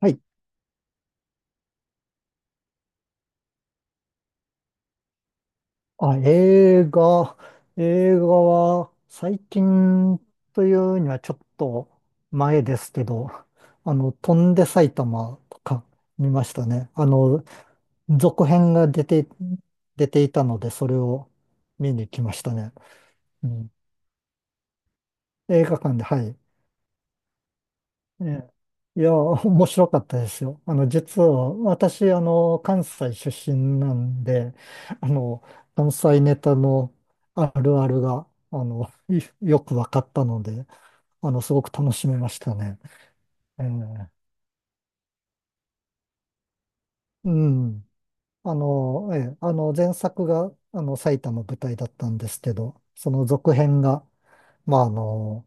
はい。あ、映画。映画は最近というにはちょっと前ですけど、飛んで埼玉とか見ましたね。続編が出ていたので、それを見に来ましたね。うん、映画館で、はい。ええ、いや、面白かったですよ。実は、私、関西出身なんで、あの、関西ネタのあるあるが、あの、いよく分かったので、すごく楽しめましたね。ええ、うん。ええ、前作が、埼玉舞台だったんですけど、その続編が、まあ、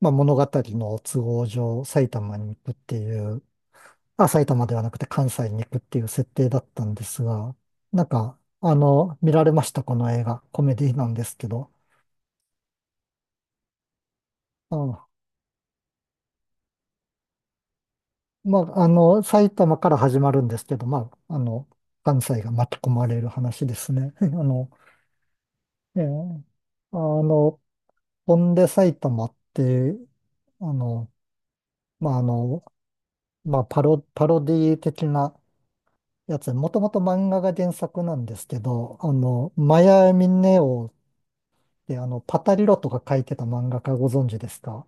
まあ、物語の都合上、埼玉に行くっていう、まあ、埼玉ではなくて関西に行くっていう設定だったんですが、なんか、見られました、この映画。コメディなんですけど。あ、まあ、埼玉から始まるんですけど、まあ、関西が巻き込まれる話ですね。えーあの、飛んで埼玉って、あの、まあ、まあ、パロディ的なやつ、もともと漫画が原作なんですけど、マヤミネオで、パタリロとか書いてた漫画家ご存知ですか？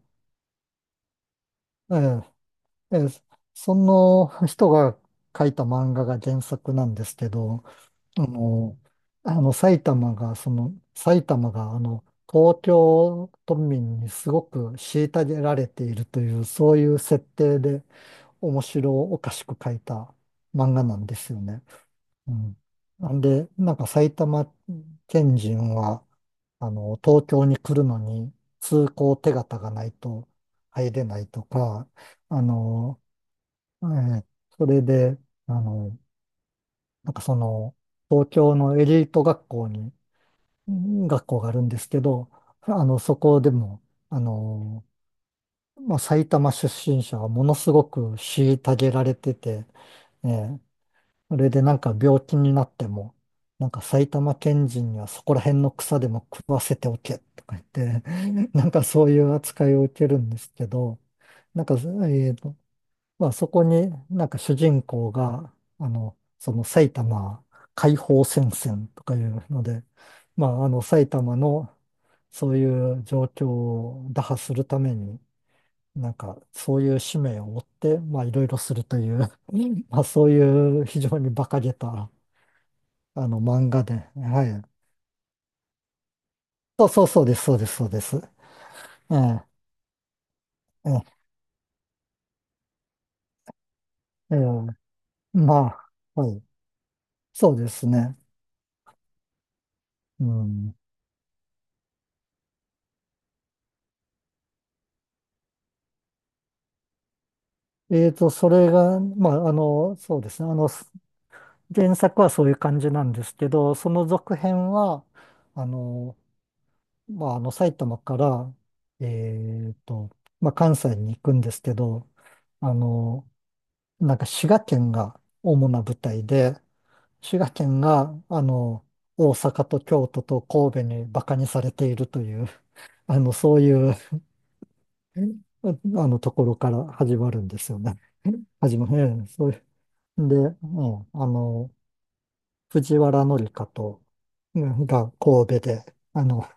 ええ、ええ、その人が書いた漫画が原作なんですけど、あの、あの埼玉が、その、埼玉が、東京都民にすごく虐げられているという、そういう設定で面白おかしく書いた漫画なんですよね。うん。なんで、なんか埼玉県人は、東京に来るのに通行手形がないと入れないとか、あの、えーそれで、あの、なんかその、東京のエリート学校に、うん学校があるんですけど、そこでも、あの、まあ、埼玉出身者はものすごく虐げられてて、ええ、それでなんか病気になっても、なんか埼玉県人にはそこら辺の草でも食わせておけとか言って、なんかそういう扱いを受けるんですけど、なんか、まあそこになんか主人公が、その埼玉解放戦線とかいうので、まああの埼玉のそういう状況を打破するために、なんか、そういう使命を負って、まあ、いろいろするという まあ、そういう非常に馬鹿げた、漫画で、はい。そうそうそうです、そうです、そうです。ええ、ええ、ええ、まあ、はい。そうですね。うん。それが、まあ、そうですね。原作はそういう感じなんですけど、その続編は、あの、まあ、埼玉から、えーと、まあ、関西に行くんですけど、あの、なんか滋賀県が主な舞台で、滋賀県が、大阪と京都と神戸にバカにされているという、そういう、ところから始まるんですよね。始まる、ええ、そういう。で、うん、藤原紀香と、うんが神戸で、あの、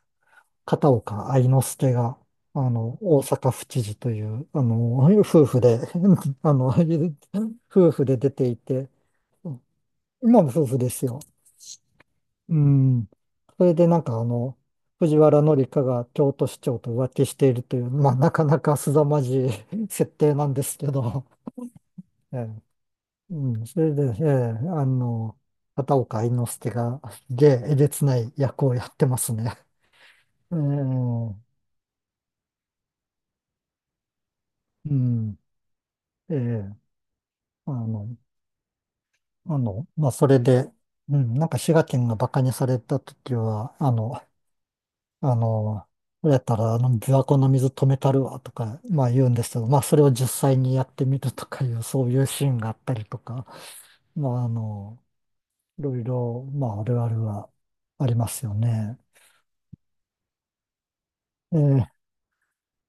片岡愛之助が、大阪府知事という、夫婦で、あの、夫婦で出ていて、今も夫婦ですよ。うん。それでなんかあの、藤原紀香が京都市長と浮気しているという、まあなかなか凄まじい 設定なんですけど、ええ、うん、それで、ええ、あの、片岡愛之助がでえげつない役をやってますね。ええ、うん、ええ、あの、まあそれで、うん、なんか滋賀県が馬鹿にされた時は、あの、これやったら、琵琶湖の水止めたるわとか、まあ言うんですけど、まあそれを実際にやってみるとかいう、そういうシーンがあったりとか、まああの、いろいろ、まああるあるはありますよね。ええ、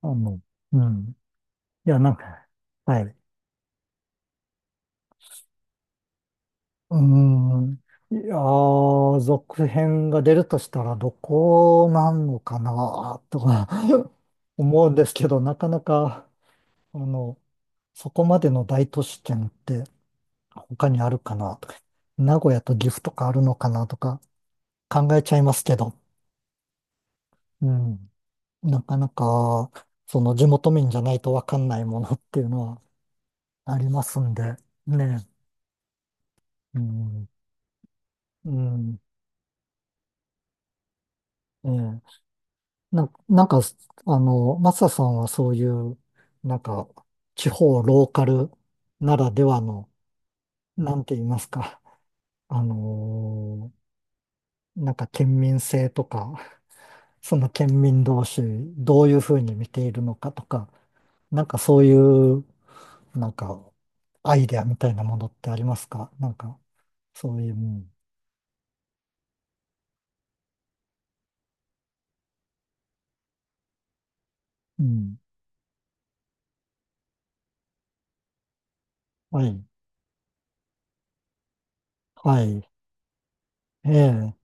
あの、うん。いや、なんか、はい。うーん。いやー、続編が出るとしたらどこなのかな、とか 思うんですけど、なかなか、あの、そこまでの大都市圏って、他にあるかなとか、名古屋と岐阜とかあるのかなとか考えちゃいますけど、うん。なかなか、その地元民じゃないとわかんないものっていうのはありますんで、ね。うん。うん。ええ。なんか、マサさんはそういう、なんか、地方ローカルならではの、なんて言いますか、あのなんか県民性とか、その県民同士、どういうふうに見ているのかとか、なんかそういう、なんか、アイデアみたいなものってありますかなんか、そういう、うん、うん、はい、はい、ええ、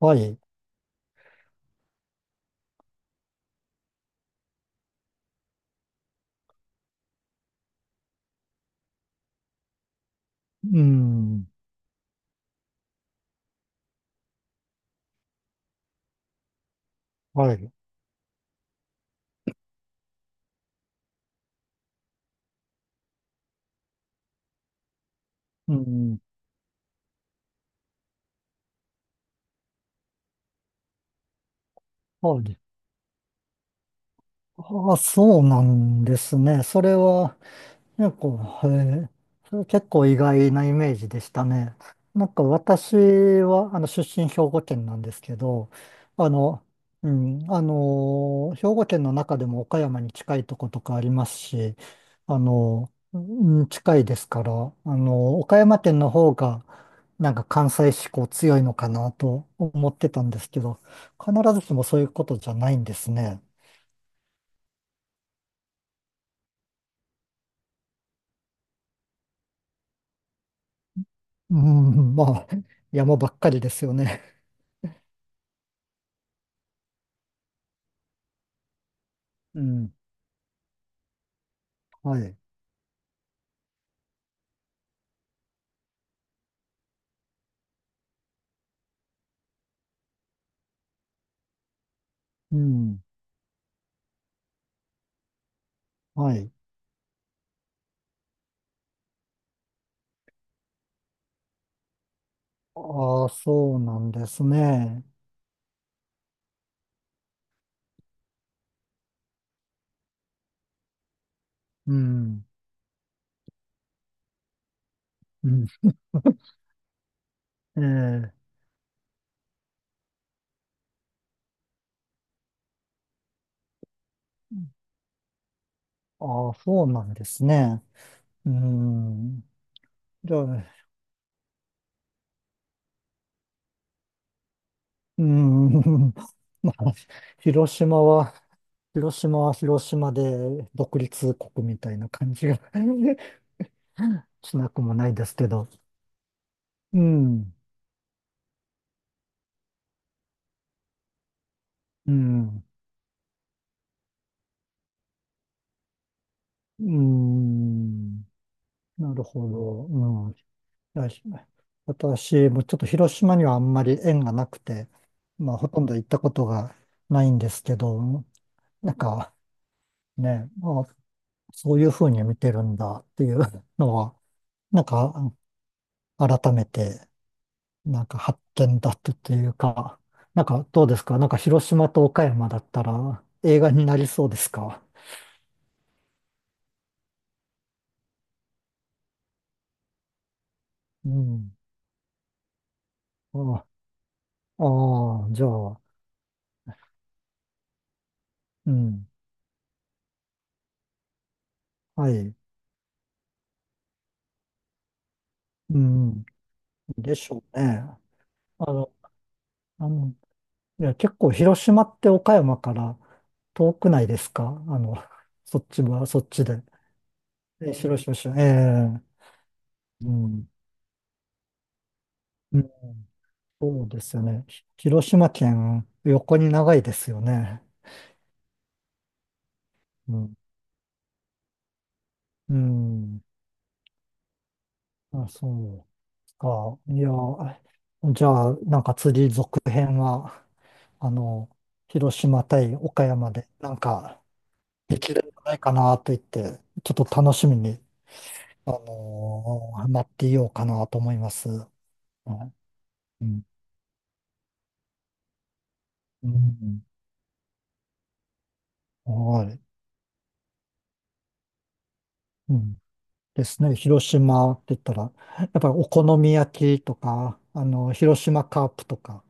はい、うん、はい、うん、はい。ああ、そうなんですね。それは、結構、はい。それ結構意外なイメージでしたね。なんか私は、出身兵庫県なんですけど、あの、うん、兵庫県の中でも岡山に近いとことかありますし、うん近いですから、岡山県の方が、なんか関西志向強いのかなと思ってたんですけど、必ずしもそういうことじゃないんですね。うん、まあ、山ばっかりですよね。うん、はい。うん。はい。ああ、そうなんですね。うん。うん。ええ。ああ、そうなんですね。うん。じゃあ、うん。まあ、広島は、広島は広島で独立国みたいな感じが しなくもないですけど。うん。うん。うん。なるほど。いや、私もちょっと広島にはあんまり縁がなくて、まあ、ほとんど行ったことがないんですけど、なんかね、まあ、そういうふうに見てるんだっていう のは、なんか改めて、なんか発見だったというか、なんかどうですかなんか広島と岡山だったら映画になりそうですか？うん。ああ、ああじゃあ、うん。はい。うん。でしょうね。あの、あの、いや、結構広島って岡山から遠くないですかあの、そっちはそっちで。え、広島市、ええ、うん、うん。そうですよね。広島県、横に長いですよね。うん。うん。あ、そうか。いや、じゃあ、なんか次続編は、あの、広島対岡山で、なんか、できるんじゃないかなと言って、ちょっと楽しみになっていようかなと思います。はい。うん。うん。はい。うん。ですね。広島って言ったら、やっぱりお好み焼きとか、広島カープとか、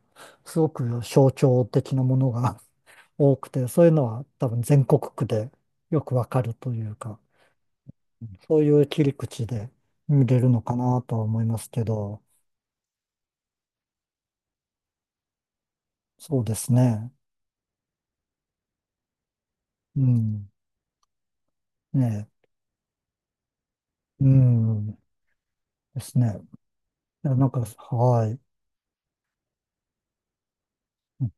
すごく象徴的なものが 多くて、そういうのは多分全国区でよくわかるというか、そういう切り口で見れるのかなとは思いますけど、そうですね。うん。ねえ。うん。ですね。いや、なんか、はい。うん